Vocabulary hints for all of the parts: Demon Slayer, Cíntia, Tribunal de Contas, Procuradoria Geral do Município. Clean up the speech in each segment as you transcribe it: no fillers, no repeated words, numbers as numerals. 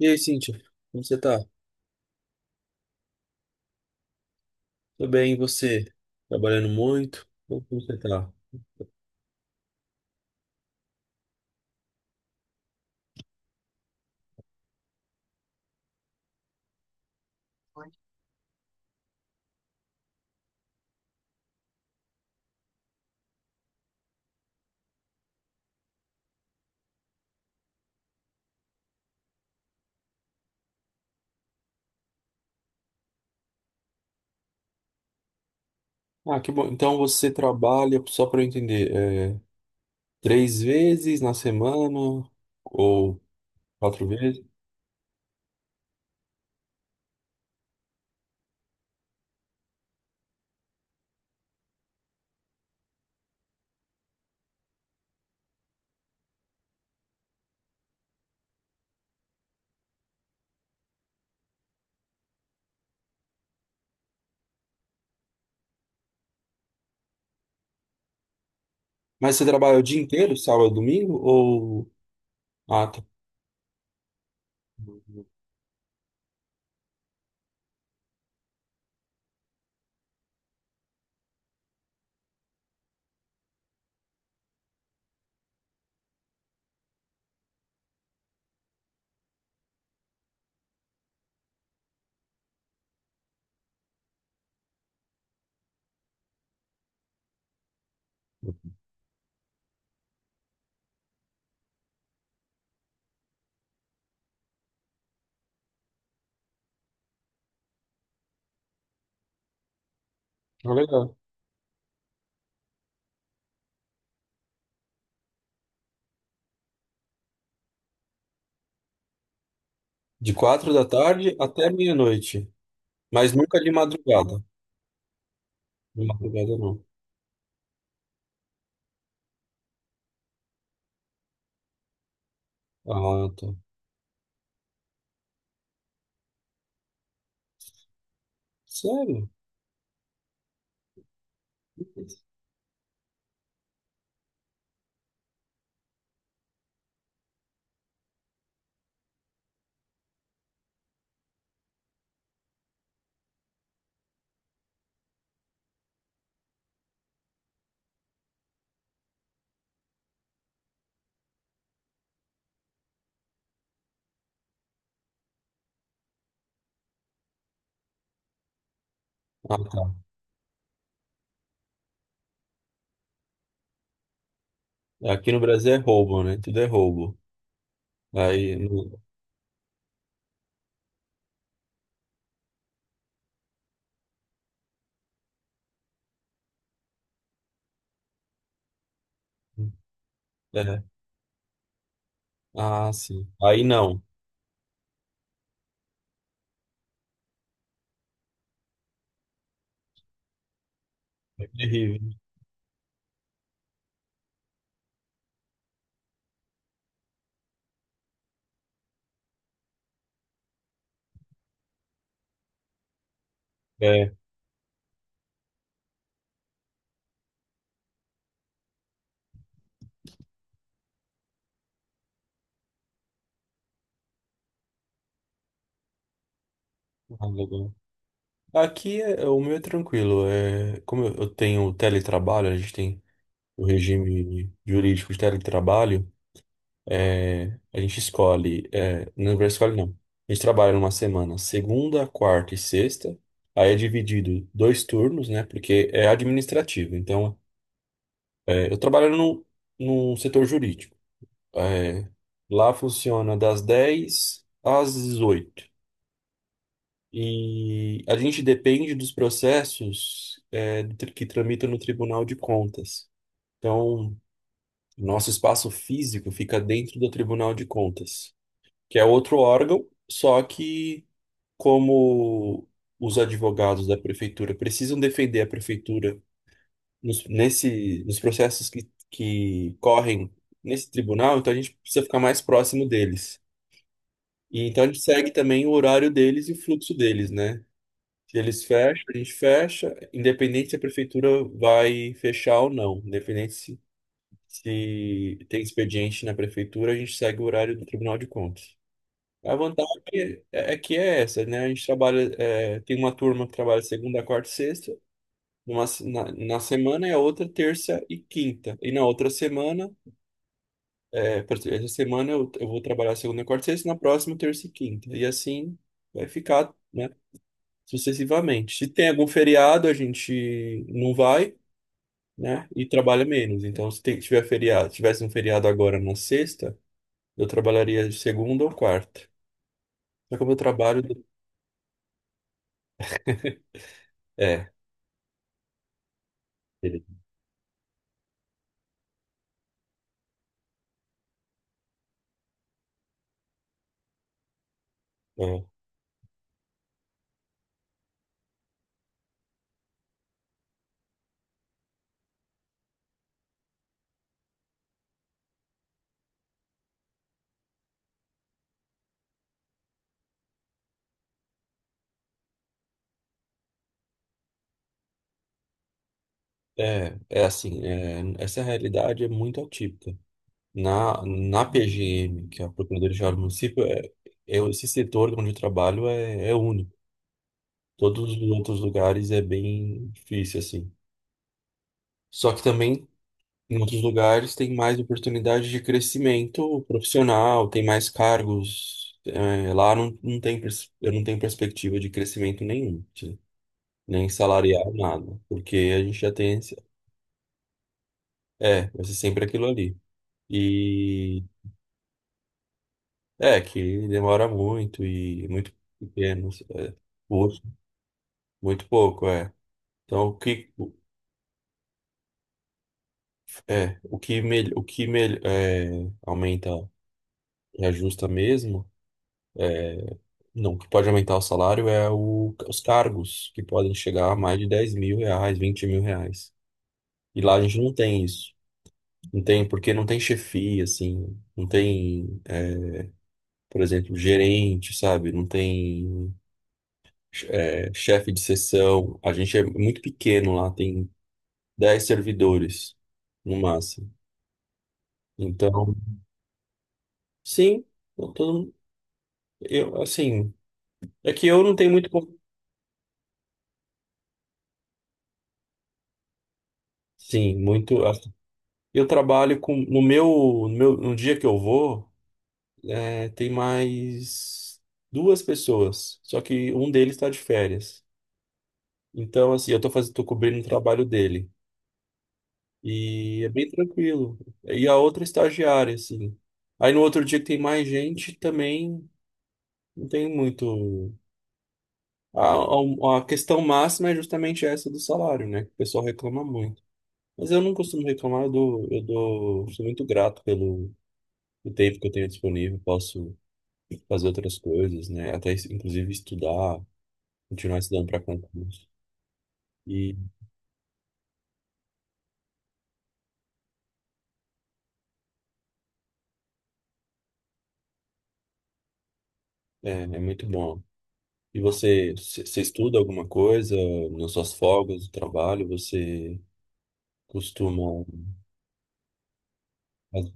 E aí, Cíntia, como você tá? Tudo bem, e você? Trabalhando muito? Como você tá? Ah, que bom. Então você trabalha, só para eu entender, é, três vezes na semana ou quatro vezes? Mas você trabalha o dia inteiro, sábado, domingo? Ou. Ah, tá. Ah, legal. De quatro da tarde até meia-noite. Mas nunca de madrugada. De madrugada não. Ah, tá. Sério? Ah, tá. É, aqui no Brasil é roubo, né? Tudo é roubo. Aí. No- É. Ah, sim. Aí não. É terrível. É. Ah, legal. Aqui o meu é tranquilo. É, como eu tenho teletrabalho, a gente tem o regime jurídico de teletrabalho, é, a gente escolhe. É, não vai escolhe, não. A gente trabalha numa semana, segunda, quarta e sexta. Aí é dividido dois turnos, né? Porque é administrativo. Então, é, eu trabalho no setor jurídico. É, lá funciona das 10 às 18. E a gente depende dos processos é, que tramitam no Tribunal de Contas. Então, nosso espaço físico fica dentro do Tribunal de Contas, que é outro órgão, só que como os advogados da prefeitura precisam defender a prefeitura nos processos que correm nesse tribunal, então a gente precisa ficar mais próximo deles. E então a gente segue também o horário deles e o fluxo deles, né? Se eles fecham, a gente fecha, independente se a prefeitura vai fechar ou não, independente se, se tem expediente na prefeitura, a gente segue o horário do Tribunal de Contas. A vantagem é que é essa, né? A gente trabalha, é, tem uma turma que trabalha segunda, quarta e sexta, numa, se- na, na semana, e a outra terça e quinta. E na outra semana, é, por exemplo, essa semana eu vou trabalhar segunda, quarta e sexta, na próxima terça e quinta. E assim vai ficar, né? Sucessivamente. Se tem algum feriado, a gente não vai, né? E trabalha menos. Então, se tem- tiver feriado, tivesse um feriado agora na sexta, eu trabalharia de segunda ou quarta. Só que o meu trabalho é, ele- é, é assim, é, essa realidade é muito atípica. Na PGM, que é a Procuradoria Geral do Município, é, eu, esse setor onde eu trabalho é único. Todos os outros lugares é bem difícil, assim. Só que também em outros lugares tem mais oportunidade de crescimento profissional, tem mais cargos. É, lá não tem, eu não tenho perspectiva de crescimento nenhum, nem salarial, nada, porque a gente já tem. É, vai ser sempre aquilo ali. E é que demora muito e é muito pequeno, é, pouco, muito pouco, é. Então, o que, é, o que mel- é, aumenta e ajusta mesmo. Não, o que pode aumentar o salário os cargos, que podem chegar a mais de 10 mil reais, 20 mil reais. E lá a gente não tem isso. Não tem, porque não tem chefia, assim. Não tem, por exemplo, gerente, sabe? Não tem, chefe de seção. A gente é muito pequeno lá, tem 10 servidores, no máximo. Então, sim, eu, tô- assim. É que eu não tenho muito. Sim, muito. Assim, eu trabalho com. No meu, no dia que eu vou. É, tem mais duas pessoas, só que um deles está de férias. Então, assim, tô cobrindo o trabalho dele. E é bem tranquilo. E a outra é estagiária, assim. Aí no outro dia que tem mais gente, também não tem muito. A, a questão máxima é justamente essa do salário, né? Que o pessoal reclama muito. Mas eu não costumo reclamar, eu dou, sou muito grato pelo o tempo que eu tenho disponível, posso fazer outras coisas, né? Até inclusive estudar. Continuar estudando para concurso. E é, é muito bom. E você, você estuda alguma coisa nas suas folgas do trabalho? Você costuma. Fazer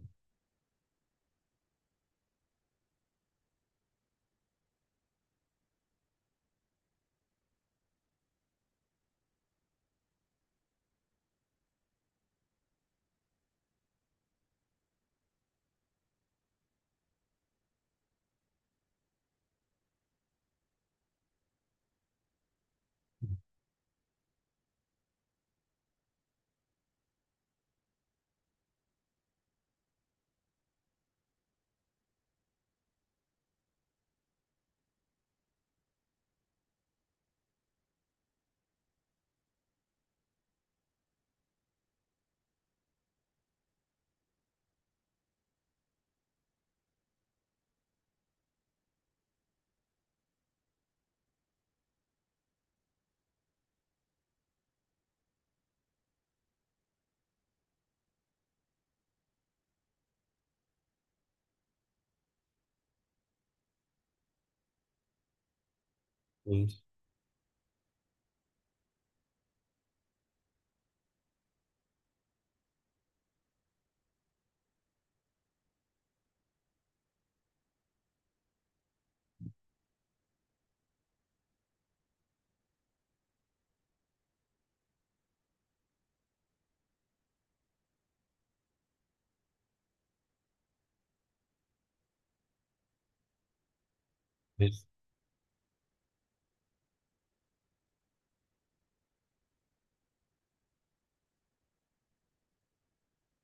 isso?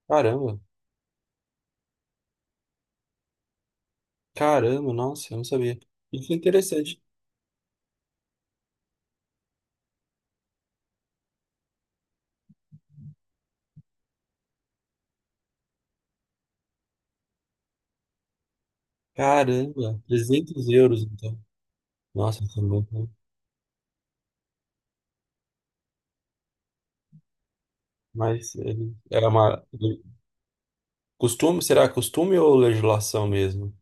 Caramba, caramba, nossa, eu não sabia. Isso é interessante. Caramba, 300 euros, então. Nossa, isso é muito. Mas ele é uma. Costume, será costume ou legislação mesmo?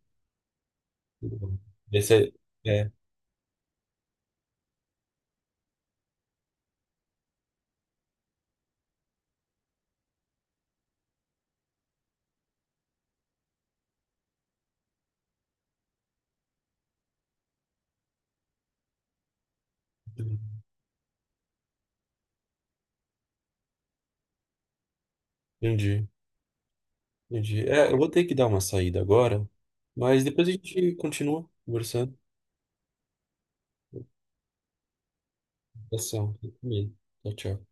Esse é. é, Entendi. Entendi. É, eu vou ter que dar uma saída agora, mas depois a gente continua conversando. Ação. Tchau, tchau.